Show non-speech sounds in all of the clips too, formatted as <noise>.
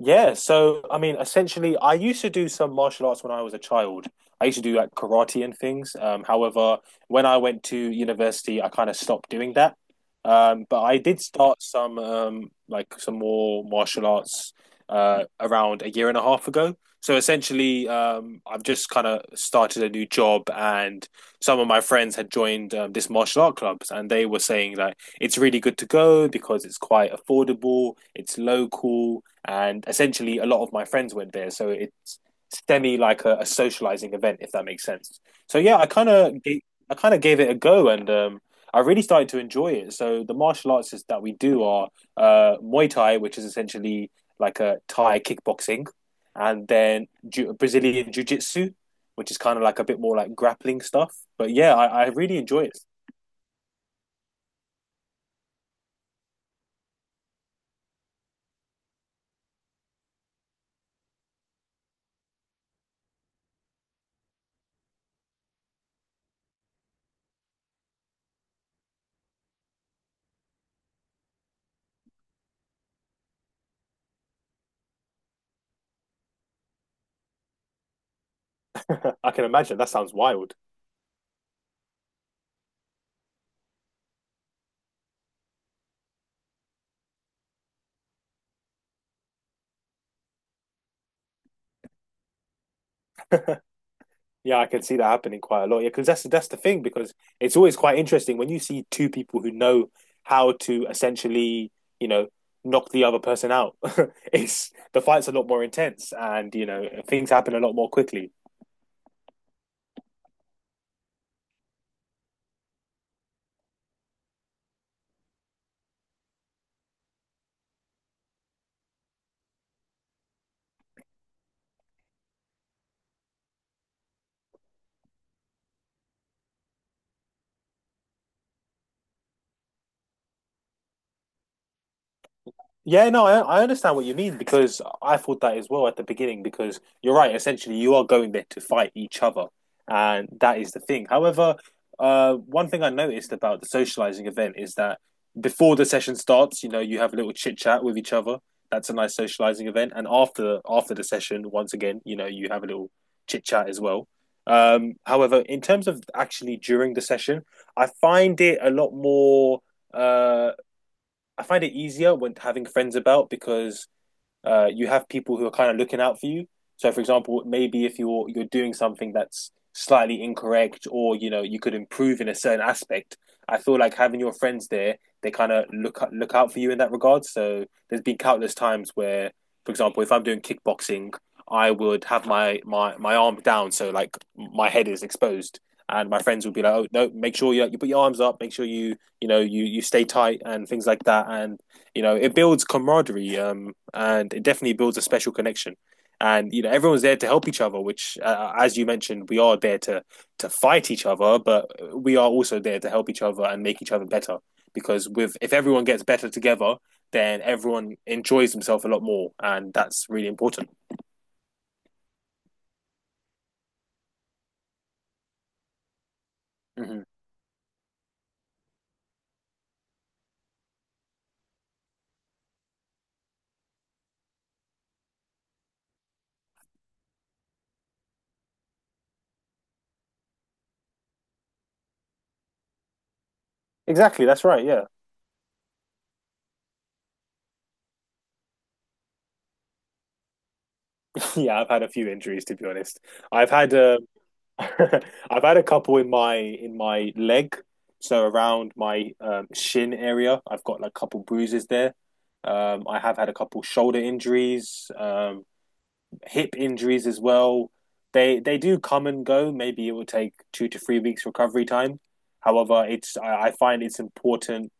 Yeah, so I mean, essentially, I used to do some martial arts when I was a child. I used to do like karate and things. However, when I went to university, I kind of stopped doing that. But I did start some like some more martial arts around a year and a half ago. So essentially, I've just kind of started a new job, and some of my friends had joined this martial art clubs, and they were saying that it's really good to go because it's quite affordable, it's local and essentially a lot of my friends went there, so it's semi like a socializing event, if that makes sense. So yeah, I kind of gave it a go, and I really started to enjoy it. So the martial arts that we do are Muay Thai, which is essentially like a Thai kickboxing, and then Brazilian Jiu Jitsu, which is kind of like a bit more like grappling stuff. But yeah, I really enjoy it. <laughs> I can imagine. That sounds wild. Yeah, I can see that happening quite a lot. Yeah, because that's the thing. Because it's always quite interesting when you see two people who know how to essentially, you know, knock the other person out. <laughs> It's the fight's a lot more intense, and you know, things happen a lot more quickly. Yeah, no, I understand what you mean because I thought that as well at the beginning because you're right. Essentially, you are going there to fight each other, and that is the thing. However, one thing I noticed about the socializing event is that before the session starts, you know, you have a little chit chat with each other. That's a nice socializing event, and after the session, once again, you know, you have a little chit chat as well. However, in terms of actually during the session, I find it a lot more uh I find it easier when having friends about because you have people who are kind of looking out for you. So, for example, maybe if you're doing something that's slightly incorrect, or you know you could improve in a certain aspect, I feel like having your friends there, they kind of look out for you in that regard. So, there's been countless times where, for example, if I'm doing kickboxing, I would have my arm down, so like my head is exposed, and my friends would be like, "Oh no, make sure you put your arms up, make sure you know you stay tight and things like that." And you know, it builds camaraderie and it definitely builds a special connection. And you know, everyone's there to help each other, which, as you mentioned, we are there to fight each other, but we are also there to help each other and make each other better. Because with if everyone gets better together, then everyone enjoys themselves a lot more, and that's really important. Mm-hmm. Exactly, that's right. Yeah, <laughs> yeah. I've had a few injuries to be honest. I've had <laughs> I've had a couple in my leg, so around my shin area. I've got like a couple bruises there. I have had a couple shoulder injuries. Hip injuries as well. They do come and go. Maybe it will take 2 to 3 weeks recovery time. However, it's I find it's important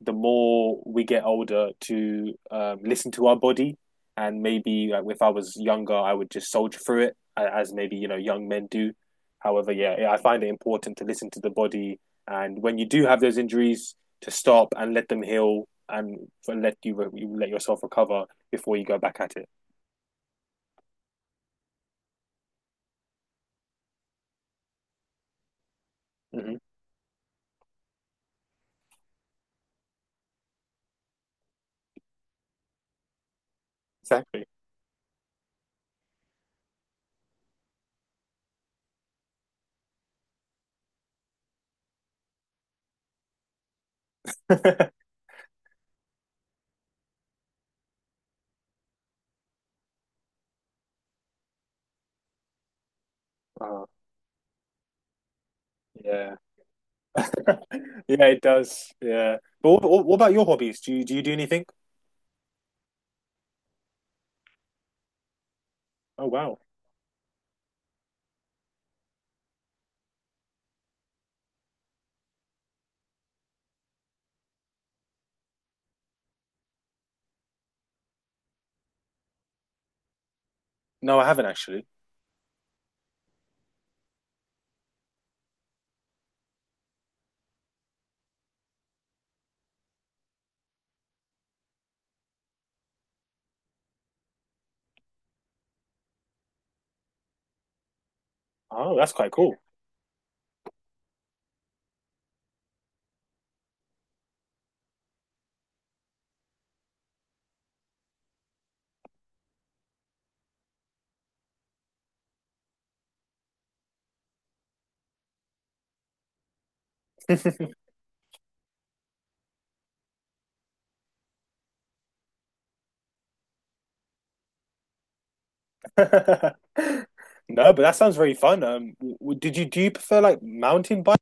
the more we get older to listen to our body and maybe like, if I was younger, I would just soldier through it as maybe you know young men do. However, yeah, I find it important to listen to the body, and when you do have those injuries, to stop and let them heal and let you let yourself recover before you go back at it. Mm-hmm. Exactly. Oh, yeah. <laughs> Yeah, it does. Yeah. But what about your hobbies? Do you do you do anything? Oh, wow. No, I haven't actually. Oh, that's quite cool. <laughs> No, but that sounds very fun. Did you do you prefer like mountain bike?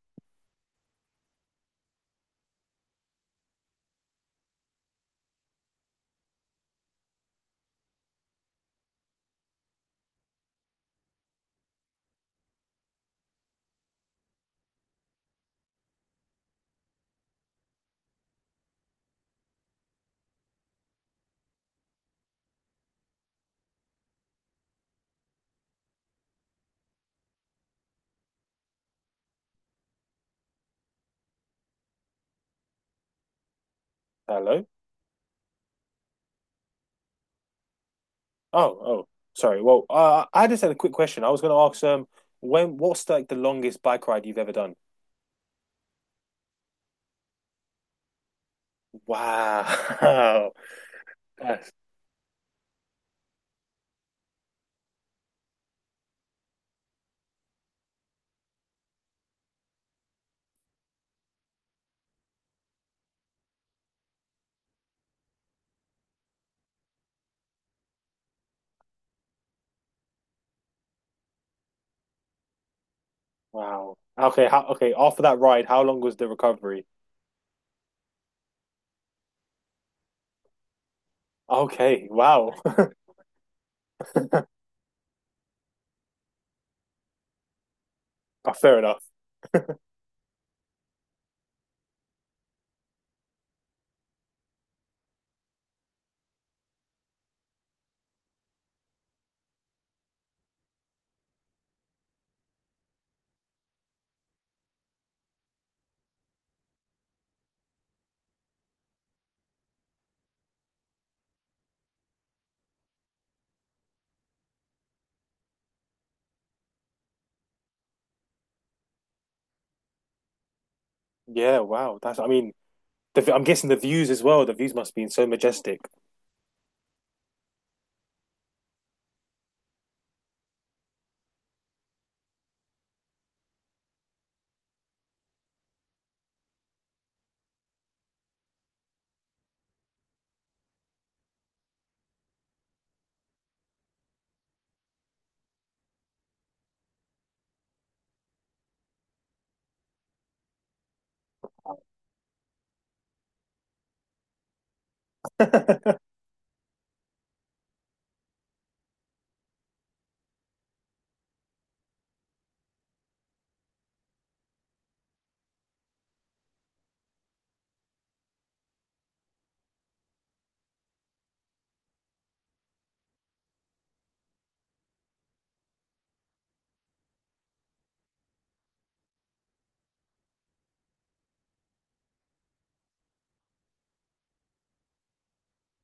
Hello? Oh, oh, sorry. Well, I just had a quick question. I was going to ask when what's like the longest bike ride you've ever done? Wow. <laughs> That's wow. Okay, after that ride, how long was the recovery? Okay, wow. <laughs> Oh, fair enough. Yeah, wow. I mean, I'm guessing the views as well. The views must be so majestic.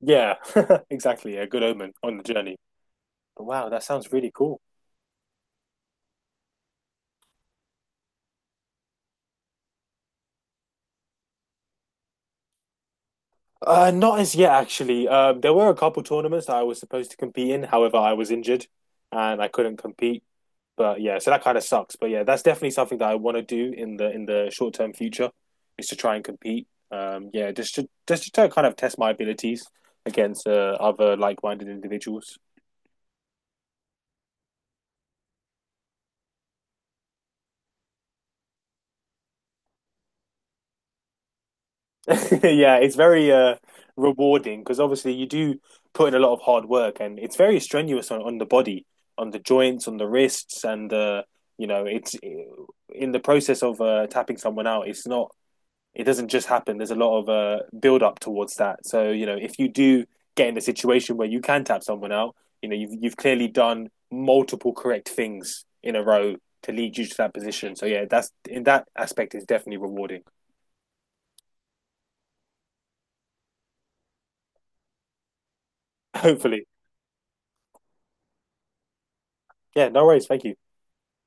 Yeah, <laughs> exactly. A good omen on the journey. But wow, that sounds really cool. Not as yet, actually. There were a couple tournaments that I was supposed to compete in. However, I was injured and I couldn't compete. But yeah, so that kind of sucks. But yeah, that's definitely something that I want to do in the short term future is to try and compete. Yeah, just to kind of test my abilities against other like minded individuals. <laughs> Yeah, it's very rewarding because obviously you do put in a lot of hard work and it's very strenuous on the body, on the joints, on the wrists, and you know, it's in the process of tapping someone out, it's not, it doesn't just happen. There's a lot of build up towards that. So, you know, if you do get in a situation where you can tap someone out, you know, you've clearly done multiple correct things in a row to lead you to that position. So yeah, that's in that aspect is definitely rewarding. <laughs> Hopefully. Yeah, no worries. Thank you.